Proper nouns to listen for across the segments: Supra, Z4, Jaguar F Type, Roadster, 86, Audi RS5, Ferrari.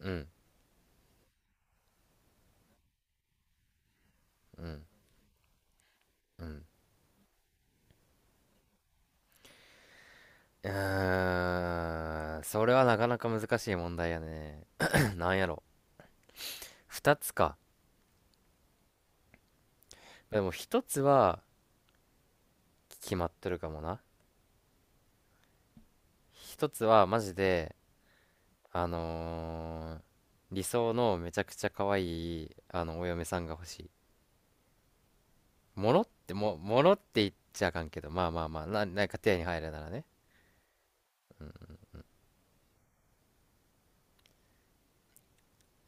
うん、うん、うん。うーん、それはなかなか難しい問題やね。なんやろ。二つか。でも一つは決まってるかもな。一つはマジで、あのー理想のめちゃくちゃ可愛い、お嫁さんが欲しい。ものって言っちゃあかんけど、まあまあまあ、なんか手に入るならね。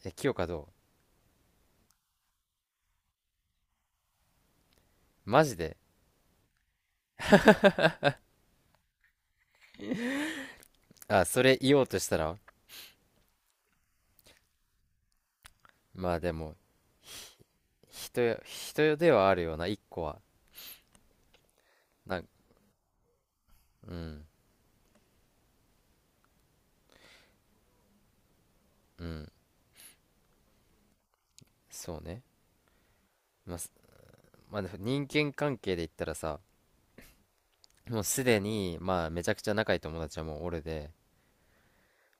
え、清香どう？マジで。あ、それ言おうとしたら、まあでも、人よ、人よではあるような、一個は。なんうん、うん、そうね。まあ、すまあ、でも人間関係で言ったらさ、もうすでに、まあ、めちゃくちゃ仲いい友達はもう俺で、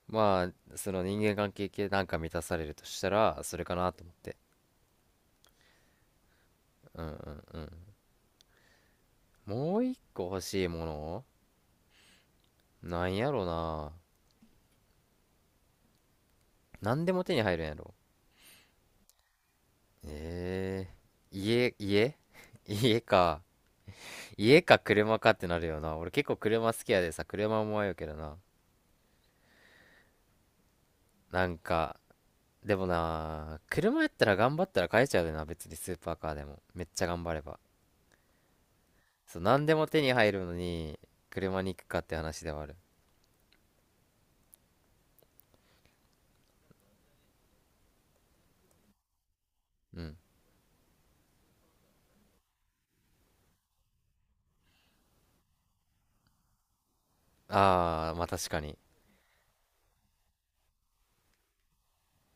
まあ、その人間関係系なんか満たされるとしたら、それかなと思って。うんうんうん。もう一個欲しいもの、なんやろな。なんでも手に入るんやろ。えー家 家か。家か車かってなるよな。俺結構車好きやでさ、車も迷うけどな。なんか、でもな、車やったら頑張ったら買えちゃうよな、別にスーパーカーでも。めっちゃ頑張れば。そう、何でも手に入るのに、車に行くかって話ではある。うん。ああ、まあ確かに。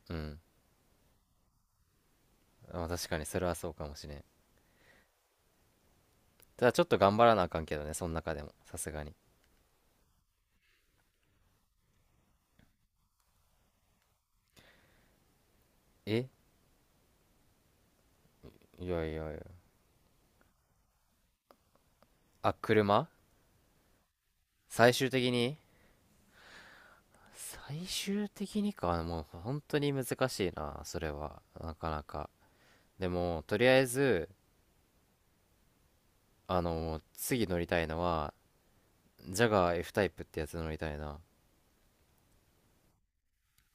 うん。まあ確かに、それはそうかもしれん。ただちょっと頑張らなあかんけどね、その中でも。さすがに。えいやいやいや。あ、車。最終的に最終的にか、もう本当に難しいな、それは。なかなか。でも、とりあえず、次乗りたいのは、ジャガー F タイプってやつ乗りたいな。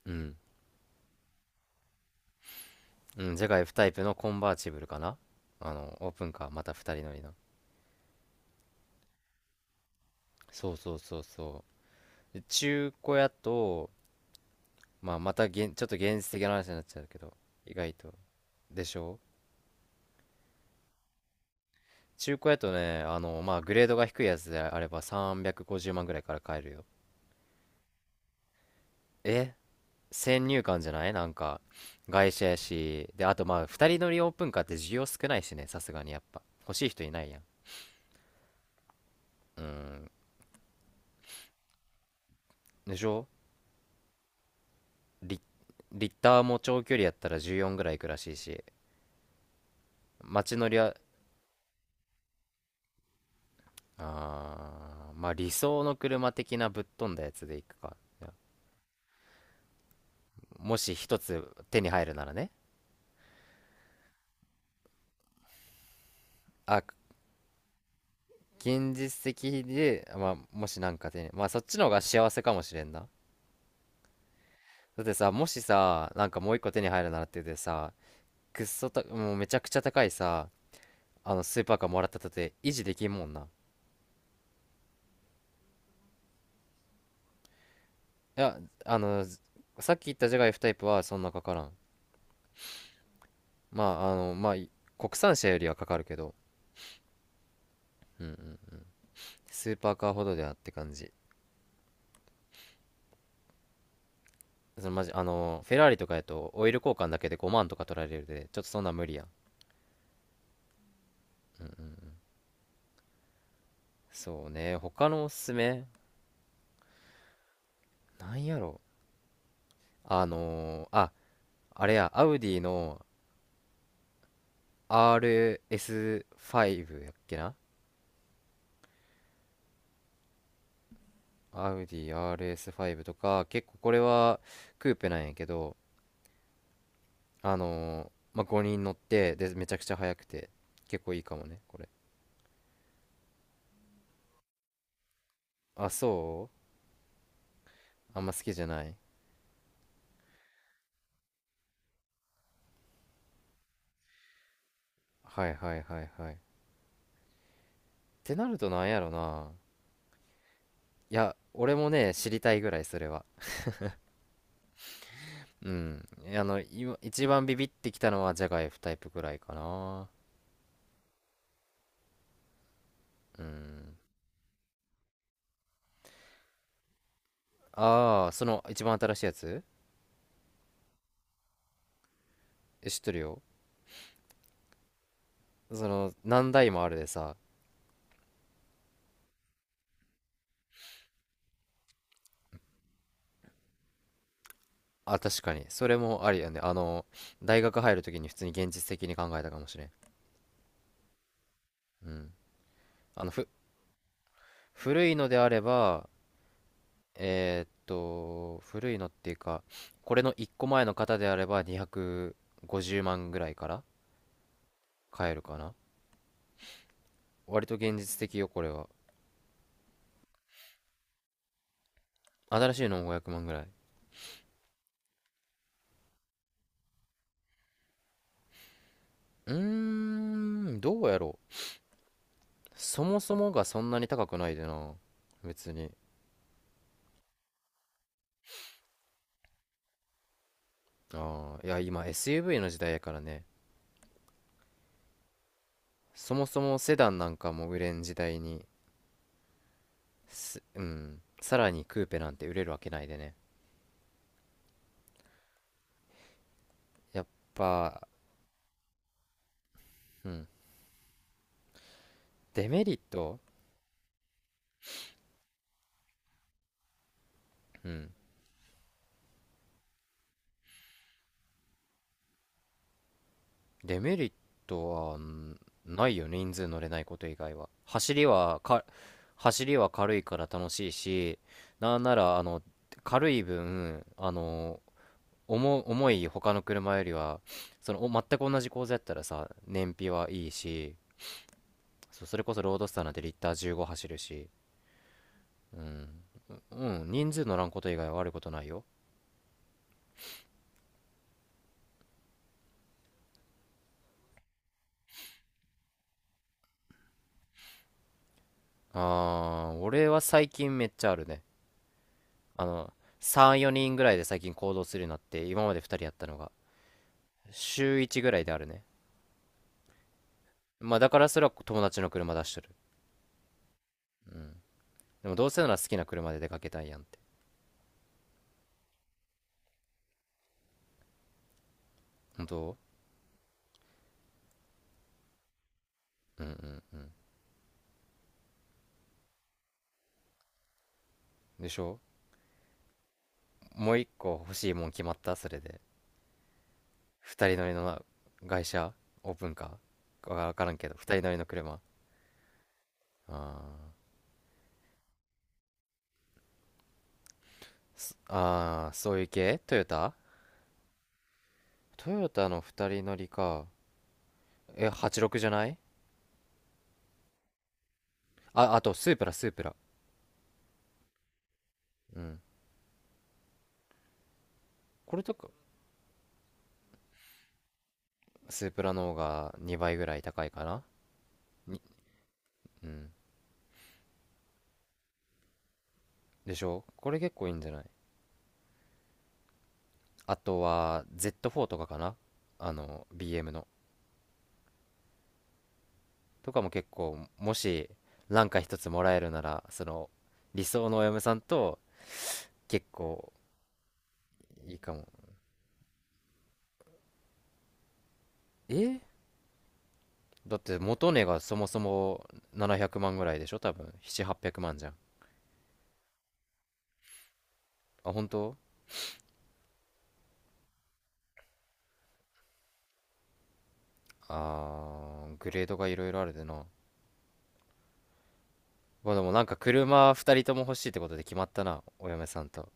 うん。うん、ジャガー F タイプのコンバーチブルかな。オープンカー、また2人乗りの。そうそうそうそう。で中古屋と、まあ、またちょっと現実的な話になっちゃうけど、意外と。でしょ？中古屋とね、あの、まあ、グレードが低いやつであれば350万ぐらいから買えるよ。え、先入観じゃない？なんか、外車やし。で、あとまあ、2人乗りオープンカーって需要少ないしね、さすがにやっぱ。欲しい人いないやん。うん。でしょ？リ、リッターも長距離やったら14ぐらいいくらしいし、街乗りは、まあ理想の車的なぶっ飛んだやつで行くか。もし一つ手に入るならね。あ、現実的で、まあもしなんか手に、まあそっちの方が幸せかもしれんな。だってさ、もしさ、なんかもう一個手に入るならって言ってさ、くっそた、もうめちゃくちゃ高いさ、あのスーパーカーもらったとて維持できんもんな。いや、あの、さっき言ったジャガイフタイプはそんなかからん。まあ国産車よりはかかるけど、うんうん、スーパーカーほどではって感じ。その、マジ、フェラーリとかやとオイル交換だけで5万とか取られるで、ちょっとそんなん無理やん。そうね、他のおすすめ、なんやろ。あのーああれやアウディの RS5 やっけな。アウディ RS5 とか結構これはクーペなんやけど、まあ、5人乗ってでめちゃくちゃ速くて結構いいかもね、これ。あ、そう？あんま好きじゃない。はいはいはいはい、ってなると、なんやろな。いや、俺もね、知りたいぐらい、それは。うん。今一番ビビってきたのはジャガイフタイプぐらいかな。うん。ああ、ーその一番新しいやつ。え、知ってるよ。その何台もあるでさ。あ、確かにそれもありやね。大学入る時に普通に現実的に考えたかもしれん。うん。あのふ古いのであれば、古いのっていうか、これの1個前の方であれば250万ぐらいから買えるかな。割と現実的よ、これは。新しいのも500万ぐらい。うーん、どうやろう。そもそもがそんなに高くないでな。別に。ああ、いや、今 SUV の時代やからね。そもそもセダンなんかも売れん時代に、うん、さらにクーペなんて売れるわけないでね。やっぱ、うん、デメリット？うん。デメリットはないよね、人数乗れないこと以外は。走りは軽いから楽しいし、なんなら、軽い分、重い他の車よりは、その、全く同じ構造やったらさ、燃費はいいし、それこそロードスターなんてリッター15走るし、うん、人数乗らんこと以外は悪いことないよ。俺は最近めっちゃあるね。あの、3、4人ぐらいで最近行動するようになって、今まで2人やったのが、週1ぐらいであるね。まあだからそれは友達の車出してる。うん。でもどうせなら好きな車で出かけたいやんって。本当？うんうんうん。でしょ？もう一個欲しいもん決まった、それで。二人乗りの外車、オープンカーわからんけど、二人乗りの車。ああー、そういう系。トヨタ？トヨタの二人乗りか。え、86、じゅうろくじゃない？あ、あと、スープラ、スープラ。うん。これとか、スープラの方が2倍ぐらい高いかな。に、うん。でしょ？これ結構いいんじゃない？あとは Z4 とかかな。あの BM のとかも結構、もしなんか一つもらえるならその理想のお嫁さんと、結構いいかも。え？だって元値がそもそも700万ぐらいでしょ？多分7 8 0 0万じゃん。あ、本当？あー、グレードがいろいろあるでな。まあでも、なんか車、2人とも欲しいってことで決まったな。お嫁さんと。